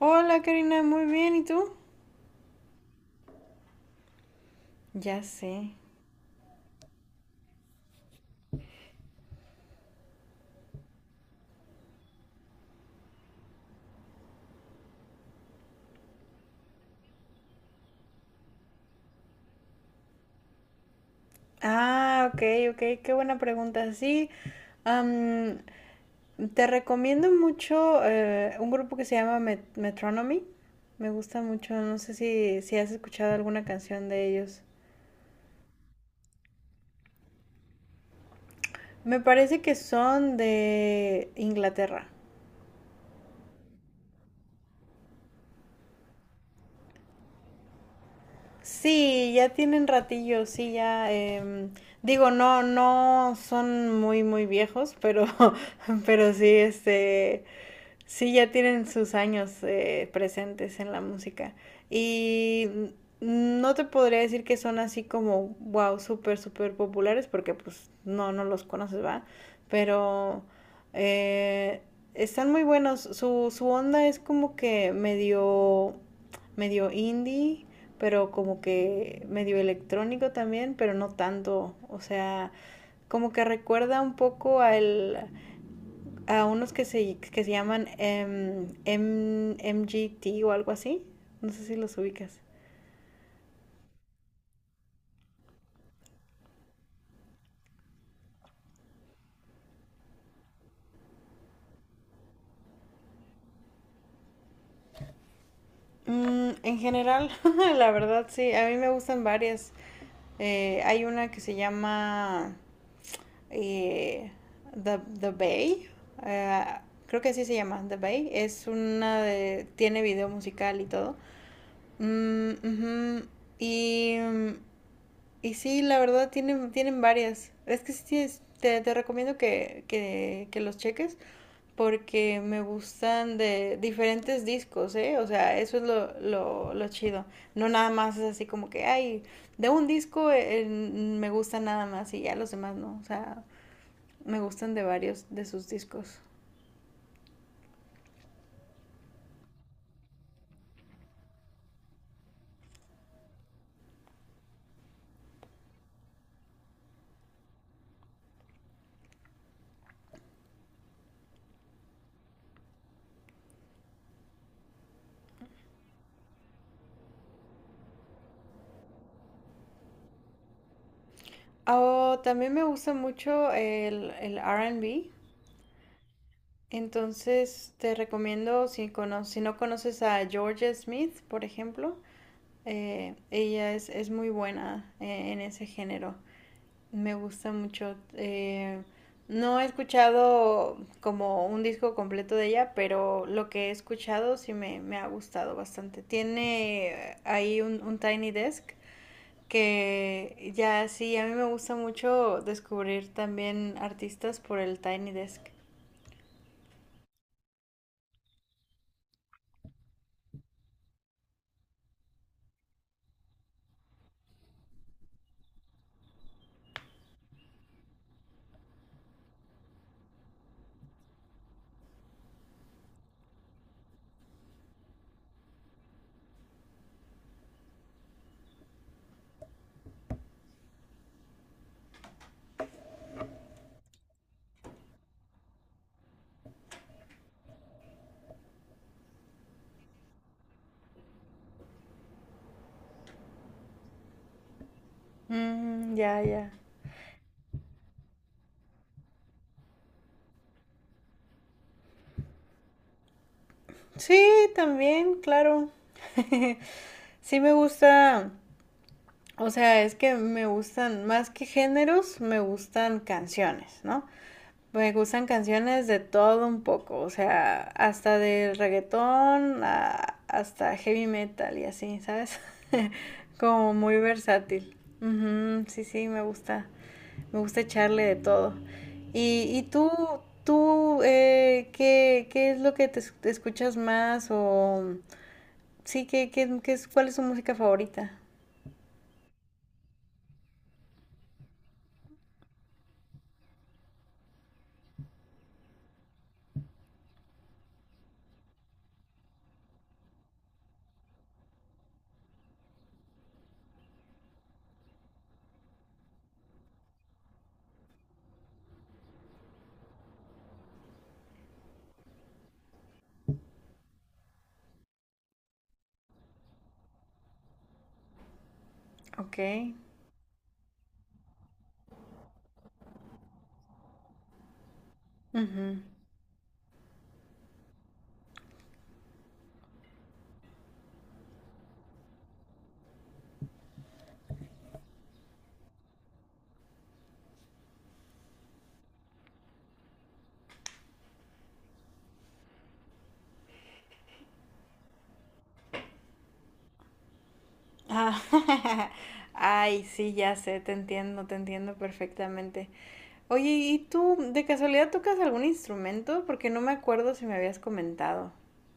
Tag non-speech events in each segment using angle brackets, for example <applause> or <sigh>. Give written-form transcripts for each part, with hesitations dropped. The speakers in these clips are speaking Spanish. Hola Karina, muy bien, ¿y tú? Ya sé. Ah, ok, ok, qué buena pregunta. Sí, am, te recomiendo mucho un grupo que se llama Metronomy. Me gusta mucho, no sé si has escuchado alguna canción de ellos. Me parece que son de Inglaterra. Sí, ya tienen ratillo, sí, ya. No, no son muy viejos, pero, <laughs> pero sí, sí, ya tienen sus años presentes en la música. Y no te podría decir que son así como wow, súper populares, porque pues no, no los conoces, va. Pero eh, están muy buenos. Su onda es como que medio indie, pero como que medio electrónico también, pero no tanto. O sea, como que recuerda un poco a unos que se llaman MGT o algo así. No sé si los ubicas. Mm, en general, <laughs> la verdad sí, a mí me gustan varias. Hay una que se llama eh, The Bay. eh, Creo que así se llama, The Bay. Es una de tiene video musical y todo. Mm, ujú. Y Y sí, la verdad tienen, tienen varias. Es que sí, te recomiendo que los cheques porque me gustan de diferentes discos, ¿eh? O sea, eso es lo chido. No nada más es así como que ay, de un disco me gusta nada más y ya los demás no. O sea, me gustan de varios de sus discos. Oh, también me gusta mucho el R and B. Entonces te recomiendo si no conoces a George Smith, por ejemplo. Ella es muy buena en ese género. Me gusta mucho. No he escuchado como un disco completo de ella, pero lo que he escuchado sí me ha gustado bastante. Tiene ahí un Tiny Desk, que ya sí, a mí me gusta mucho descubrir también artistas por el Tiny Desk. Mm, ya, ya. Sí, también, claro. <laughs> Sí me gusta. O sea, es que me gustan, más que géneros, me gustan canciones, ¿no? Me gustan canciones de todo un poco, o sea, hasta del reggaetón hasta heavy metal y así, ¿sabes? <laughs> Como muy versátil. Ujú, sí, sí, me gusta. Me gusta echarle de todo. ¿Y, qué es lo que te escuchas más? O sí, qué es, cuál es tu música favorita? Ok. Ah, <laughs> ay, sí, ya sé, te entiendo perfectamente. Oye, ¿y tú de casualidad tocas algún instrumento? Porque no me acuerdo si me habías comentado. <laughs>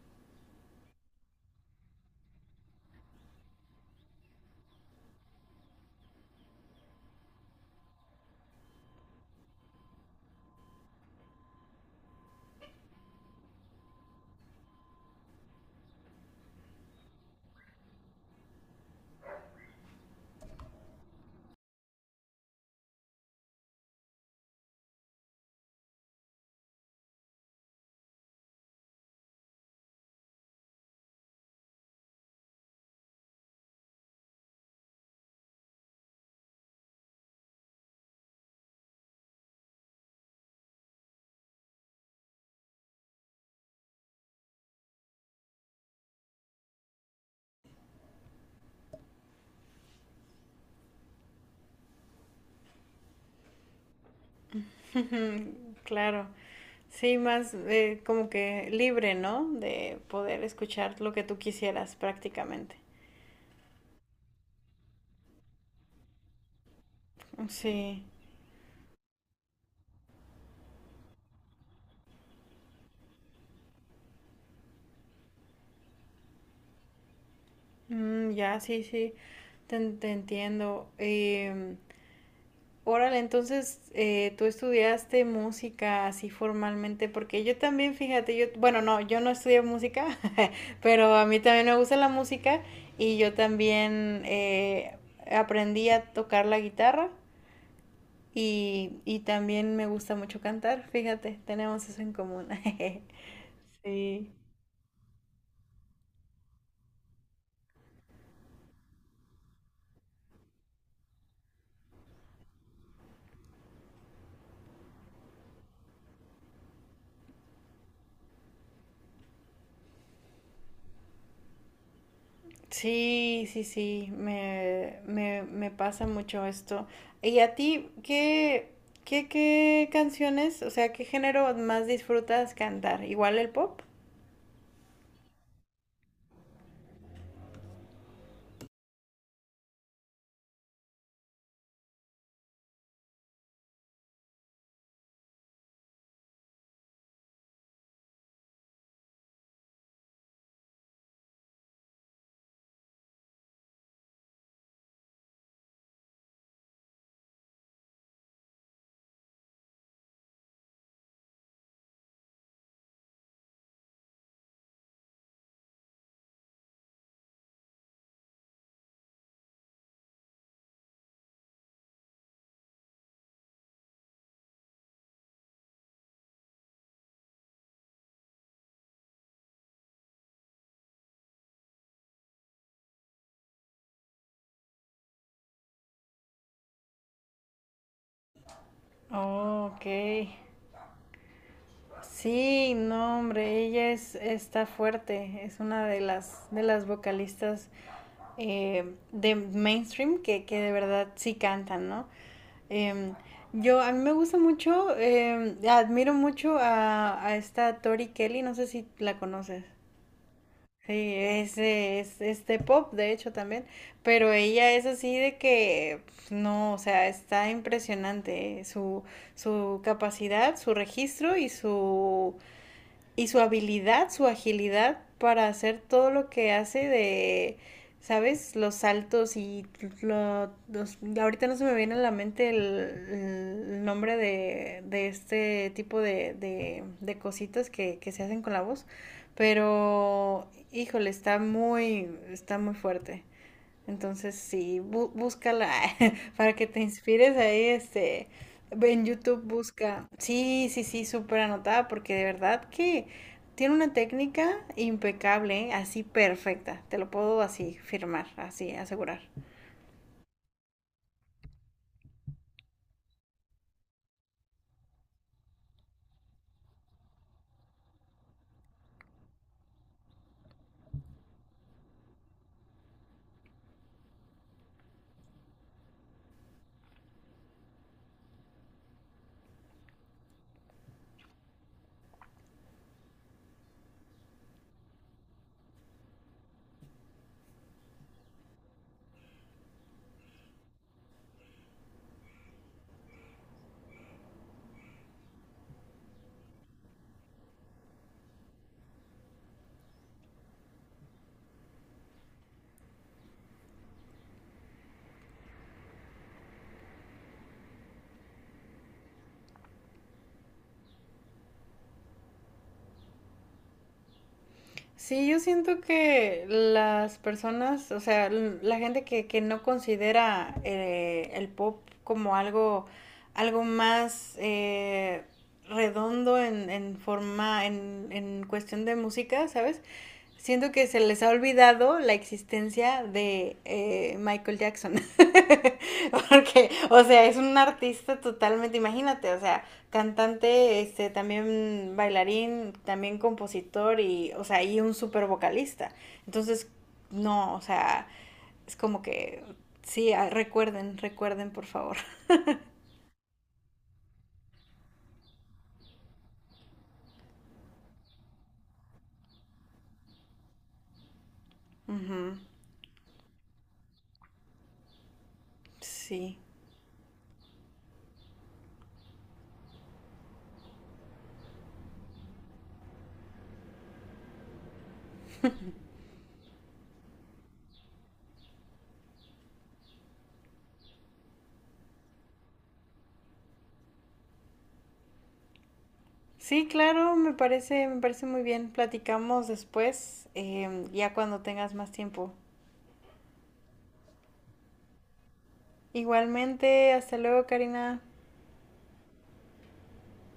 Mm, claro, sí, más como que libre, ¿no? De poder escuchar lo que tú quisieras prácticamente. Sí, mm, ya, sí, sí, te entiendo. Órale, entonces tú estudiaste música así formalmente, porque yo también, fíjate, yo, bueno, no, yo no estudié música, <laughs> pero a mí también me gusta la música y yo también aprendí a tocar la guitarra y también me gusta mucho cantar, fíjate, tenemos eso en común. <laughs> Sí. Sí, sí, sí, me pasa mucho esto. ¿Y a ti qué canciones, o sea, qué género más disfrutas cantar? ¿Igual el pop? Oh, ok. Sí, no, hombre, ella es, está fuerte, es una de de las vocalistas de mainstream que de verdad sí cantan, ¿no? Em, a mí me gusta mucho, em, admiro mucho a esta Tori Kelly, no sé si la conoces. Sí, es de pop, de hecho, también, pero ella es así de que, pues, no, o sea, está impresionante, su, su capacidad, su registro y su habilidad, su agilidad para hacer todo lo que hace de, ¿sabes? Los saltos y los Ahorita no se me viene a la mente el nombre de este tipo de cositas que se hacen con la voz, pero híjole, está está muy fuerte. Entonces, sí, búscala <laughs> para que te inspires ahí, ve en YouTube, busca. Sí, sí, sí, súper anotada, porque de verdad que tiene una técnica impecable, ¿eh? Así perfecta, te lo puedo así firmar, así asegurar. Sí, yo siento que las personas, o sea, la gente que no considera el pop como algo, algo más redondo en forma, en cuestión de música, ¿sabes? Siento que se les ha olvidado la existencia de Michael Jackson. <laughs> Porque, o sea, es un artista totalmente, imagínate, o sea, cantante, también bailarín, también compositor y, o sea, y un súper vocalista. Entonces, no, o sea, es como que, sí, ah, recuerden, recuerden, por favor. <laughs> Uh -huh, sí. Sí, claro, me parece muy bien. Platicamos después, ya cuando tengas más tiempo. Igualmente, hasta luego, Karina.